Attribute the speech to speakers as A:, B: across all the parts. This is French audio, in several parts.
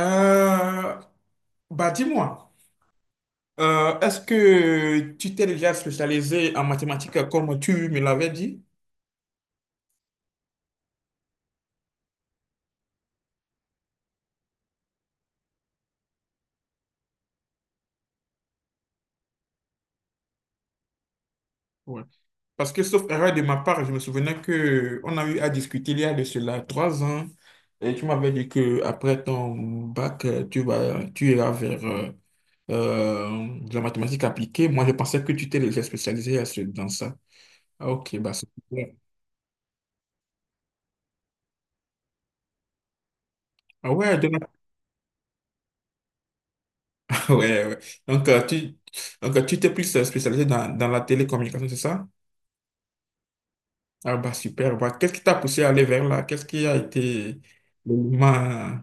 A: Euh, Bah dis-moi, est-ce que tu t'es déjà spécialisé en mathématiques, comme tu me l'avais dit? Ouais. Parce que, sauf erreur de ma part, je me souvenais que on a eu à discuter il y a de cela 3 ans. Et tu m'avais dit que après ton bac, tu iras vers de la mathématique appliquée. Moi, je pensais que tu t'es déjà spécialisé dans ça. Ah, ok, bah c'est super. Ah ouais, Ah ouais, ouais. Donc, euh, tu, donc, tu t'es plus spécialisé dans la télécommunication, c'est ça? Ah bah super. Bah, qu'est-ce qui t'a poussé à aller vers là? Qu'est-ce qui a été l'élément.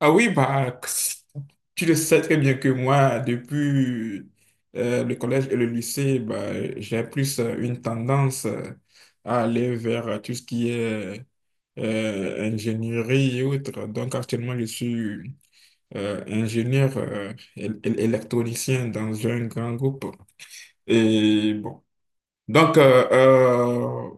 A: Ah oui, bah, tu le sais très bien que moi, depuis le collège et le lycée, bah, j'ai plus une tendance à aller vers tout ce qui est ingénierie et autres. Donc actuellement, je suis ingénieur électronicien dans un grand groupe. Et bon, donc euh, euh,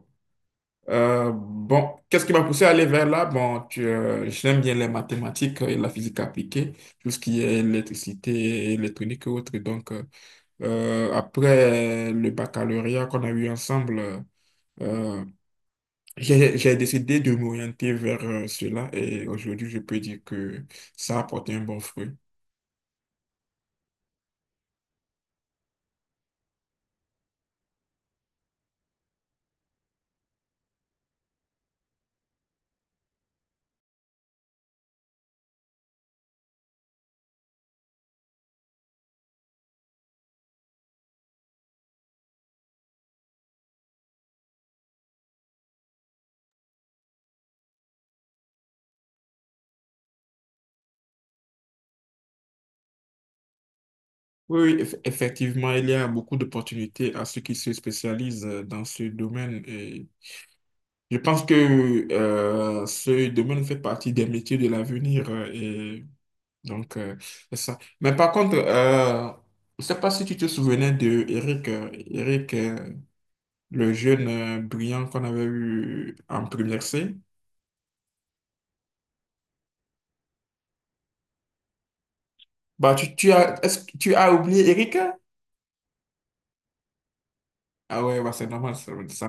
A: bon, qu'est-ce qui m'a poussé à aller vers là? Bon, j'aime bien les mathématiques et la physique appliquée, tout ce qui est électricité, électronique et autres. Donc, après le baccalauréat qu'on a eu ensemble, euh, j'ai décidé de m'orienter vers cela et aujourd'hui, je peux dire que ça a apporté un bon fruit. Oui, oui, effectivement, il y a beaucoup d'opportunités à ceux qui se spécialisent dans ce domaine. Et je pense que ce domaine fait partie des métiers de l'avenir, et donc, c'est ça. Mais par contre, je sais pas si tu te souvenais de Eric, le jeune brillant qu'on avait eu en première C. Bah, tu as est-ce que tu as oublié Eric? Ah ouais, bah, c'est normal ça.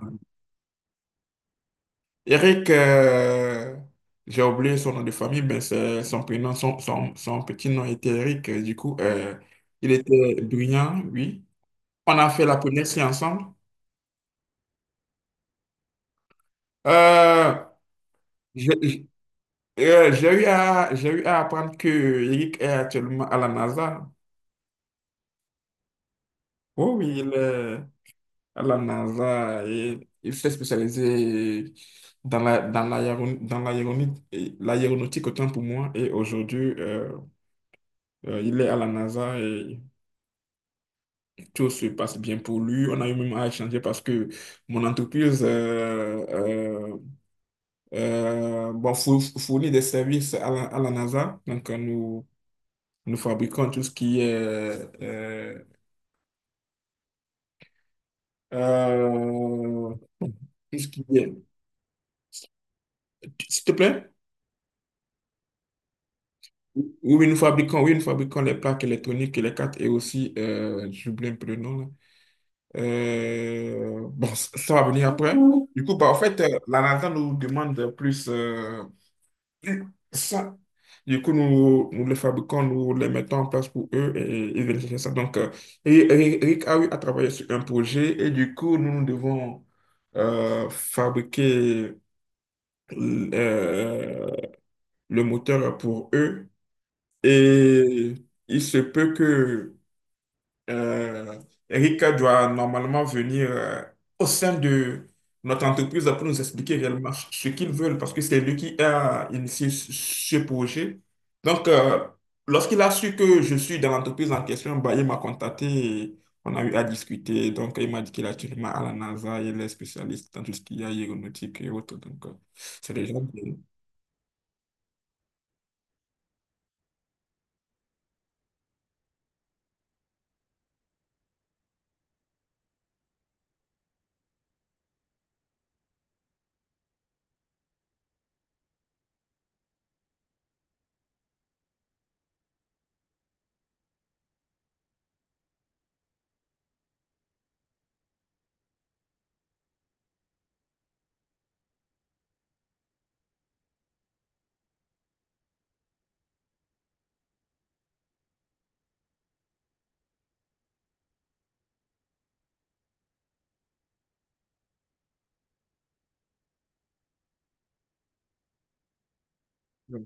A: Eric, j'ai oublié son nom de famille, mais c'est son prénom, son petit nom était Eric. Du coup, il était brillant, oui. On a fait la première séance ensemble. Euh, j'ai j'ai eu à apprendre que Eric est actuellement à la NASA. Oh oui, il est à la NASA et il s'est spécialisé dans l'aéronautique, autant pour moi. Et aujourd'hui, il est à la NASA et tout se passe bien pour lui. On a eu même à échanger parce que mon entreprise, bon, fournit des services à la NASA. Donc, nous fabriquons tout ce qui est, euh, tout ce qui est, s'il te plaît. Oui, oui, nous fabriquons les plaques électroniques et les cartes et aussi, j'oublie un peu le nom, là. Bon, ça va venir après. Du coup, bah, en fait, la NASA nous demande plus. Ça. Du coup, nous les fabriquons, nous les mettons en place pour eux et ils viennent chercher ça. Donc, Eric a travaillé sur un projet et du coup, nous devons fabriquer euh, le moteur pour eux. Et il se peut que euh, Eric doit normalement venir au sein de notre entreprise pour nous expliquer réellement ce qu'ils veulent parce que c'est lui qui a initié ce projet. Donc, lorsqu'il a su que je suis dans l'entreprise en question, bah, il m'a contacté et on a eu à discuter. Donc, il m'a dit qu'il est actuellement à la NASA, il est spécialiste dans tout ce qui est aéronautique et autres. Donc, c'est déjà bien.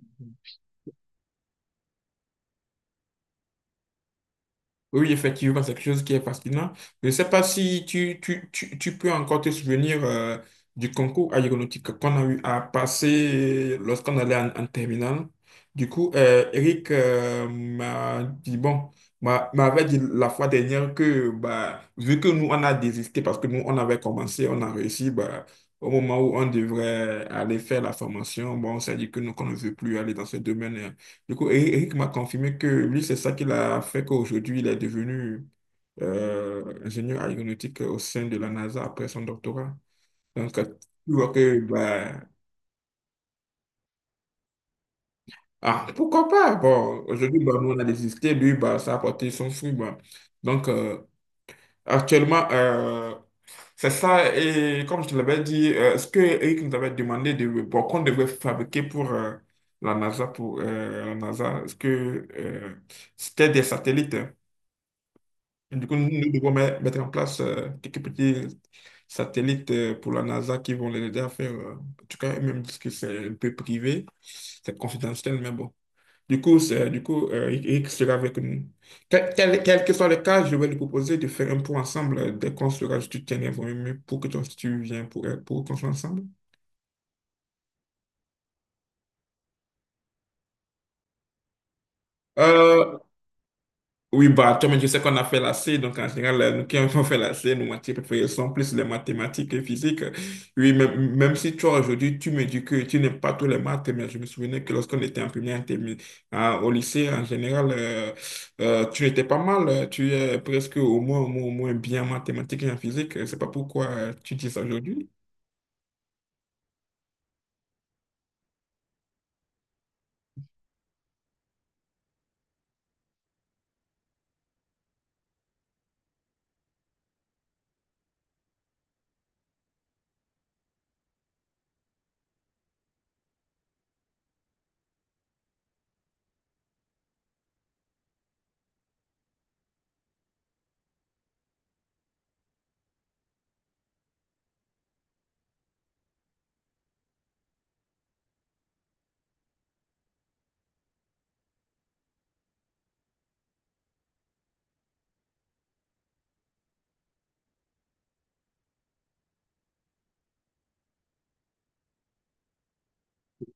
A: Oui, effectivement, c'est quelque chose qui est fascinant. Je ne sais pas si tu peux encore te souvenir du concours aéronautique qu'on a eu à passer lorsqu'on allait en terminale. Du coup, Eric m'avait dit la fois dernière que, bah, vu que nous, on a désisté parce que nous, on avait commencé, on a réussi, bah, au moment où on devrait aller faire la formation, bon, on s'est dit que nous, qu'on ne veut plus aller dans ce domaine. Du coup, Eric m'a confirmé que lui, c'est ça qui l'a fait qu'aujourd'hui, il est devenu ingénieur aéronautique au sein de la NASA après son doctorat. Donc, tu vois que, bah, ah, pourquoi pas? Bon, aujourd'hui, bah, nous, on a désisté. Lui, bah, ça a apporté son fruit. Bah. Donc, actuellement, c'est ça. Et comme je te l'avais dit, ce que Eric nous avait demandé de, bon, qu'on devrait fabriquer pour la NASA, ce que c'était des satellites, hein? Du coup, nous devons mettre en place quelques petits satellites pour la NASA qui vont les aider à faire. En tout cas, même que c'est un peu privé, c'est confidentiel, mais bon. Du coup, il sera avec nous. Quel que soit le cas, je vais lui proposer de faire un point ensemble dès qu'on sera, je te tiendrai informé pour que toi aussi tu viens pour qu'on soit ensemble. Euh, Oui, bah, toi, mais je sais qu'on a fait la C, donc en général, nous qui avons fait la C, nos matières préférées sont plus les mathématiques et physique. Oui, même si toi, aujourd'hui, tu me dis que tu n'aimes pas tous les maths, mais je me souvenais que lorsqu'on était en première, au lycée, en général, tu étais pas mal, tu es presque au moins, au moins, au moins bien en mathématiques et en physique. Je sais pas pourquoi tu dis ça aujourd'hui.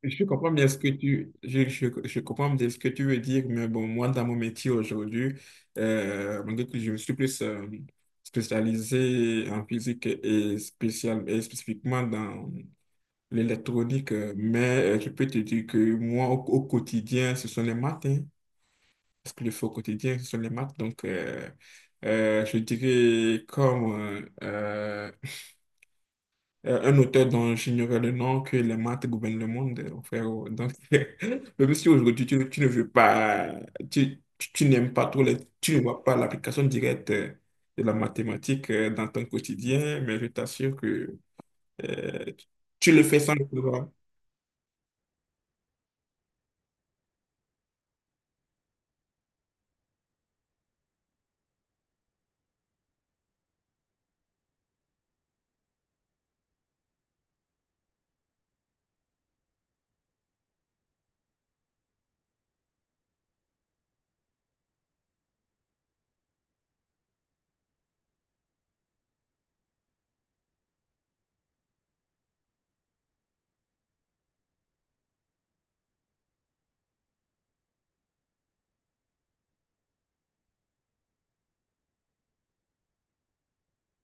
A: Je comprends bien ce que tu, je comprends bien ce que tu veux dire, mais bon, moi, dans mon métier aujourd'hui, malgré que je me suis plus spécialisé en physique et spécifiquement dans l'électronique, mais je peux te dire que moi, au quotidien, ce sont les maths, hein. Ce que je fais au quotidien, ce sont les maths. Donc, je dirais comme un auteur dont j'ignorais le nom, que les maths gouvernent le monde, frère. Donc, même si aujourd'hui tu ne veux pas, tu n'aimes pas trop, tu ne vois pas l'application directe de la mathématique dans ton quotidien, mais je t'assure que euh, tu le fais sans le vouloir.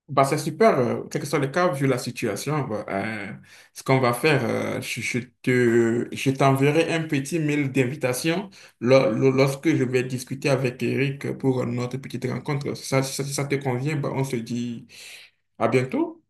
A: Bah, c'est super, quel que soit le cas, vu la situation, bah, ce qu'on va faire, je t'enverrai un petit mail d'invitation lorsque je vais discuter avec Eric pour notre petite rencontre. Si ça te convient, bah, on se dit à bientôt.